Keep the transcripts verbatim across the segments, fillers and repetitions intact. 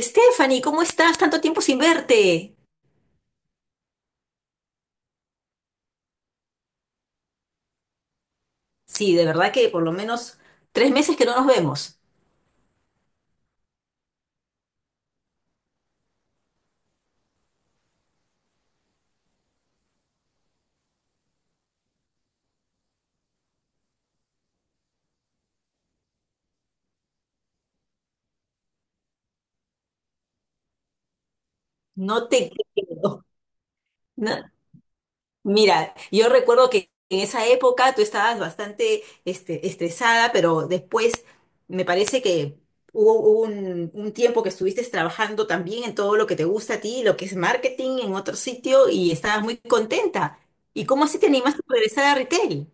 Stephanie, ¿cómo estás? Tanto tiempo sin verte. Sí, de verdad que por lo menos tres meses que no nos vemos. No te creo. No. Mira, yo recuerdo que en esa época tú estabas bastante este, estresada, pero después me parece que hubo hubo un, un tiempo que estuviste trabajando también en todo lo que te gusta a ti, lo que es marketing en otro sitio, y estabas muy contenta. ¿Y cómo así te animaste a regresar a retail?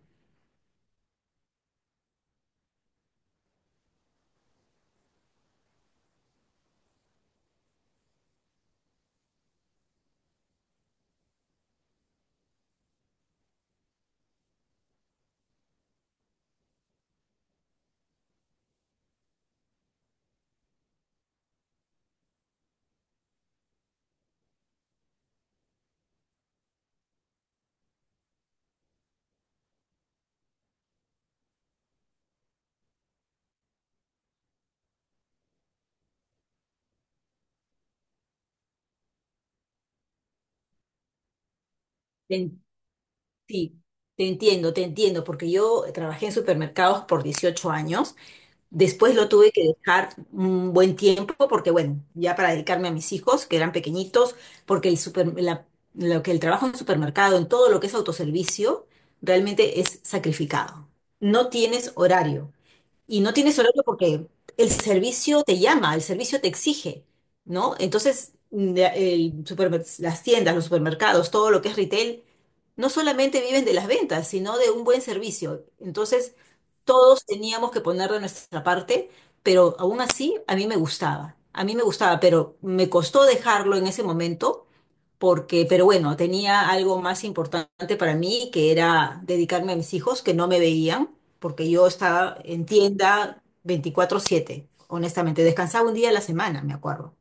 Sí, te entiendo, te entiendo, porque yo trabajé en supermercados por dieciocho años, después lo tuve que dejar un buen tiempo, porque bueno, ya para dedicarme a mis hijos, que eran pequeñitos, porque el super- la- lo que el trabajo en supermercado, en todo lo que es autoservicio, realmente es sacrificado. No tienes horario. Y no tienes horario porque el servicio te llama, el servicio te exige, ¿no? Entonces, mm, el supermer- las tiendas, los supermercados, todo lo que es retail, no solamente viven de las ventas, sino de un buen servicio. Entonces, todos teníamos que poner de nuestra parte, pero aún así a mí me gustaba, a mí me gustaba, pero me costó dejarlo en ese momento porque, pero bueno, tenía algo más importante para mí, que era dedicarme a mis hijos, que no me veían, porque yo estaba en tienda veinticuatro siete honestamente, descansaba un día a la semana, me acuerdo.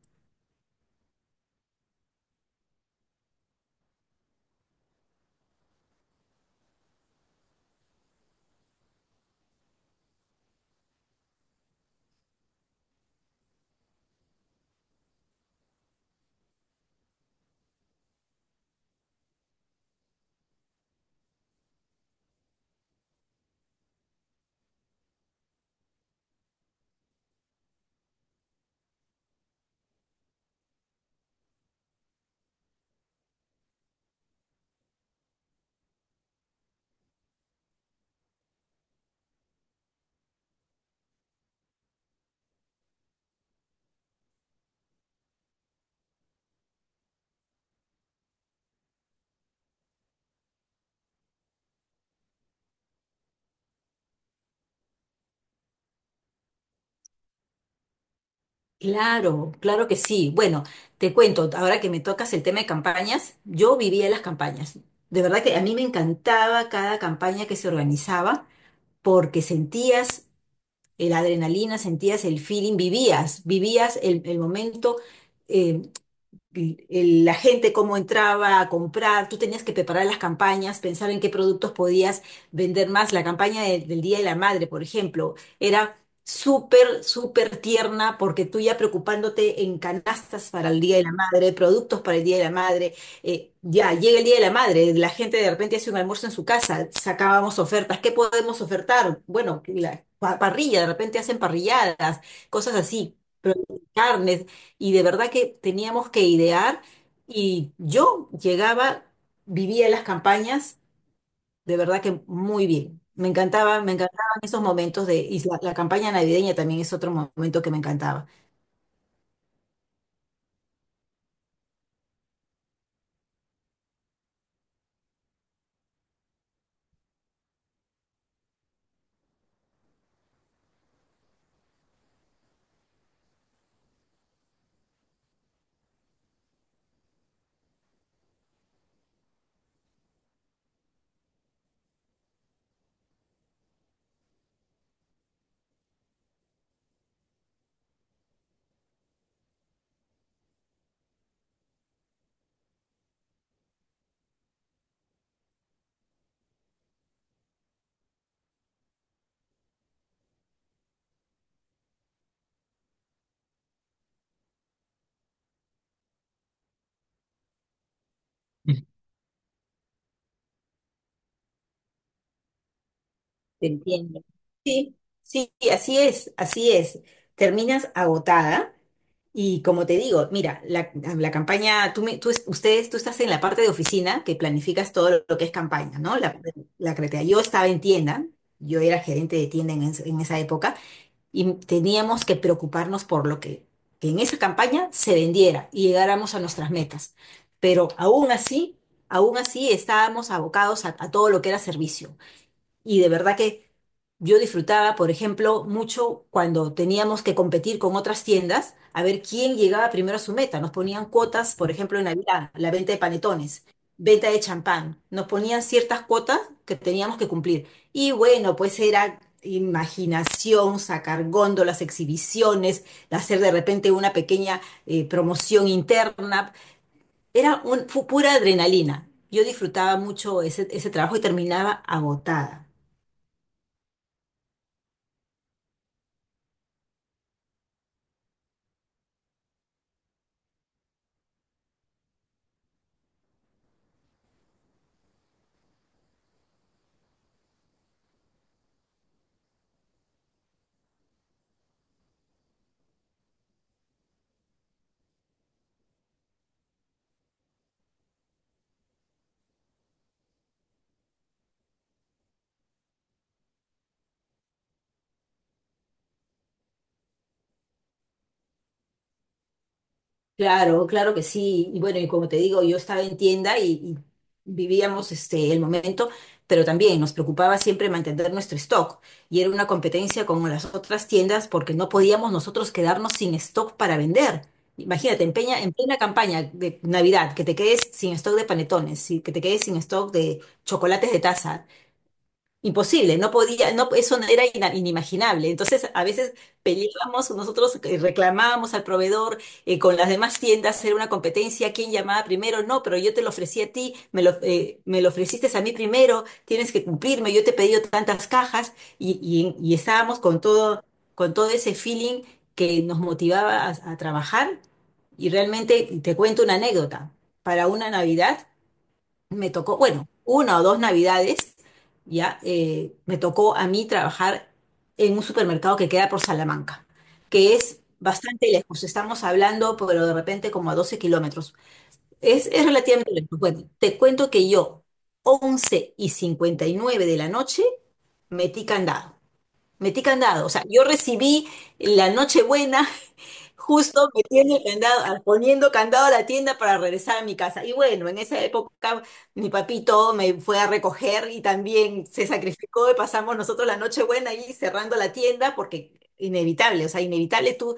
Claro, claro que sí. Bueno, te cuento, ahora que me tocas el tema de campañas, yo vivía las campañas. De verdad que a mí me encantaba cada campaña que se organizaba porque sentías la adrenalina, sentías el feeling, vivías, vivías el, el momento. Eh, el- el- la gente cómo entraba a comprar, tú tenías que preparar las campañas, pensar en qué productos podías vender más. La campaña de- del Día de la Madre, por ejemplo, era súper, súper tierna porque tú ya preocupándote en canastas para el Día de la Madre, productos para el Día de la Madre, eh, ya llega el Día de la Madre, la gente de repente hace un almuerzo en su casa, sacábamos ofertas. ¿Qué podemos ofertar? Bueno, la pa- parrilla, de repente hacen parrilladas, cosas así, pero carnes. Y de verdad que teníamos que idear y yo llegaba, vivía en las campañas, de verdad que muy bien. Me encantaba, me encantaban esos momentos de, y la, la campaña navideña también es otro momento que me encantaba. Te entiendo. Sí, sí, así es, así es. Terminas agotada. Y como te digo, mira, la, la campaña, tú, me- tú, es- ustedes, tú estás en la parte de oficina que planificas todo lo que es campaña, ¿no? La, la creatividad. Yo estaba en tienda, yo era gerente de tienda en, es- en esa época y teníamos que preocuparnos por lo que, que en esa campaña se vendiera y llegáramos a nuestras metas. Pero aún así, aún así estábamos abocados a, a todo lo que era servicio. Y de verdad que yo disfrutaba, por ejemplo, mucho cuando teníamos que competir con otras tiendas a ver quién llegaba primero a su meta. Nos ponían cuotas, por ejemplo, en Navidad, la venta de panetones, venta de champán. Nos ponían ciertas cuotas que teníamos que cumplir. Y bueno, pues era imaginación, sacar góndolas, exhibiciones, hacer de repente una pequeña eh, promoción interna. Era un, fu- pura adrenalina. Yo disfrutaba mucho ese, ese trabajo y terminaba agotada. Claro, claro que sí. Y bueno, y como te digo, yo estaba en tienda y, y vivíamos este el momento, pero también nos preocupaba siempre mantener nuestro stock. Y era una competencia con las otras tiendas porque no podíamos nosotros quedarnos sin stock para vender. Imagínate, en peña- en plena campaña de Navidad, que te quedes sin stock de panetones, y que te quedes sin stock de chocolates de taza. Imposible, no podía, no, eso no era ina- inimaginable. Entonces, a veces peleábamos, nosotros eh, reclamábamos al proveedor eh, con las demás tiendas, era una competencia, quién llamaba primero, no, pero yo te lo ofrecí a ti, me lo, eh, me lo ofreciste a mí primero, tienes que cumplirme, yo te he pedido tantas cajas y, y- y estábamos con todo, con todo ese feeling que nos motivaba a a trabajar. Y realmente, te cuento una anécdota, para una Navidad me tocó, bueno, una o dos navidades, ya, eh, me tocó a mí trabajar en un supermercado que queda por Salamanca, que es bastante lejos, estamos hablando, pero de repente como a doce kilómetros. Es, es relativamente lejos. Bueno, te cuento que yo, once y cincuenta y nueve de la noche, metí candado. Metí candado, o sea, yo recibí la Nochebuena justo metiendo candado, poniendo candado a la tienda para regresar a mi casa. Y bueno, en esa época mi papito me fue a recoger y también se sacrificó y pasamos nosotros la nochebuena buena ahí cerrando la tienda porque inevitable, o sea, inevitable tú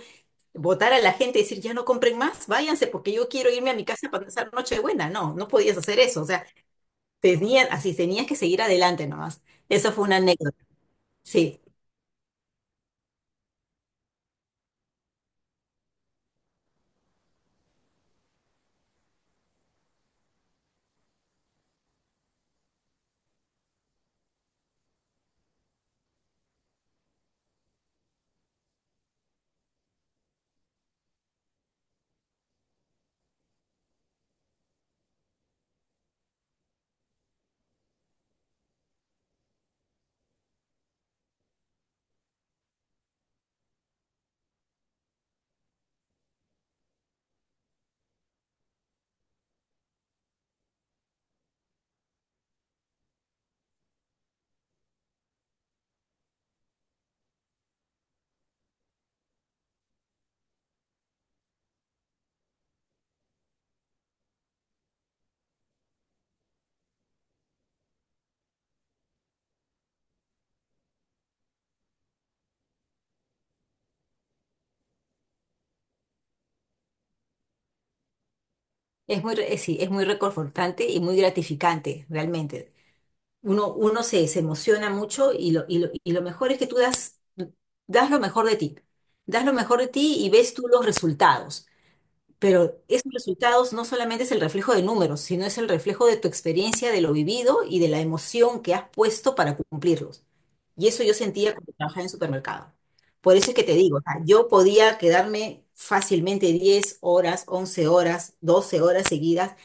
votar a la gente y decir, ya no compren más, váyanse porque yo quiero irme a mi casa para pasar nochebuena. No, no podías hacer eso, o sea, tenías, así tenías que seguir adelante nomás. Eso fue una anécdota. Sí, es muy, re- sí, es muy reconfortante y muy gratificante, realmente. Uno, uno se, se emociona mucho y lo, y lo, y lo mejor es que tú das, das lo mejor de ti. Das lo mejor de ti y ves tú los resultados. Pero esos resultados no solamente es el reflejo de números, sino es el reflejo de tu experiencia, de lo vivido y de la emoción que has puesto para cumplirlos. Y eso yo sentía cuando trabajaba en supermercado. Por eso es que te digo, o sea, yo podía quedarme fácilmente diez horas, once horas, doce horas seguidas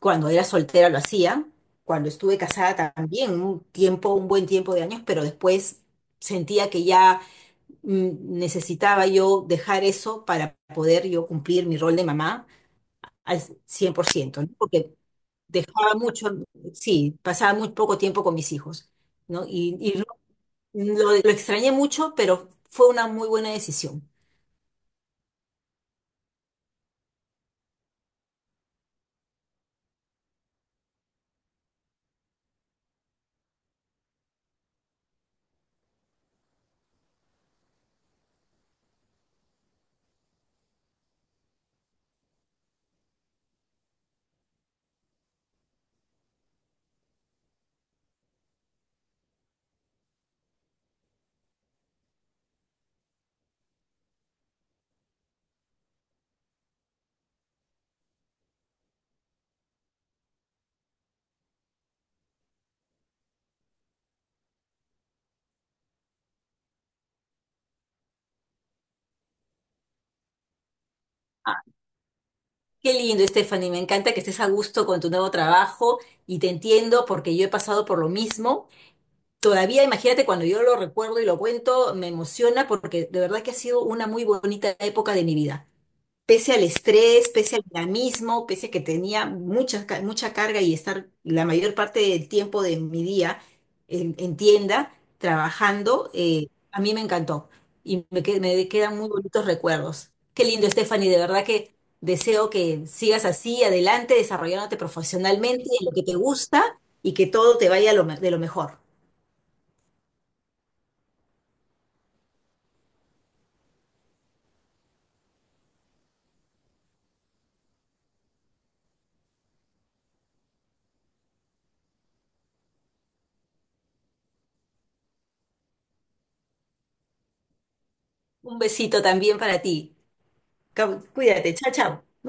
cuando era soltera lo hacía, cuando estuve casada también, un tiempo, un buen tiempo de años, pero después sentía que ya mm, necesitaba yo dejar eso para poder yo cumplir mi rol de mamá al cien por ciento, ¿no? Porque dejaba mucho, sí, pasaba muy poco tiempo con mis hijos, ¿no? Y, y lo, lo- lo extrañé mucho, pero fue una muy buena decisión. Ah, qué lindo, Stephanie, me encanta que estés a gusto con tu nuevo trabajo y te entiendo porque yo he pasado por lo mismo. Todavía, imagínate, cuando yo lo recuerdo y lo cuento, me emociona porque de verdad que ha sido una muy bonita época de mi vida. Pese al estrés, pese al dinamismo, pese a que tenía mucha, ca- mucha carga y estar la mayor parte del tiempo de mi día en, en tienda trabajando, eh, a mí me encantó y me, que- me quedan muy bonitos recuerdos. Qué lindo, Stephanie, de verdad que deseo que sigas así, adelante, desarrollándote profesionalmente en lo que te gusta y que todo te vaya lo me- de lo mejor. Un besito también para ti. Cau- Cuídate, chao, chao. Nos vemos.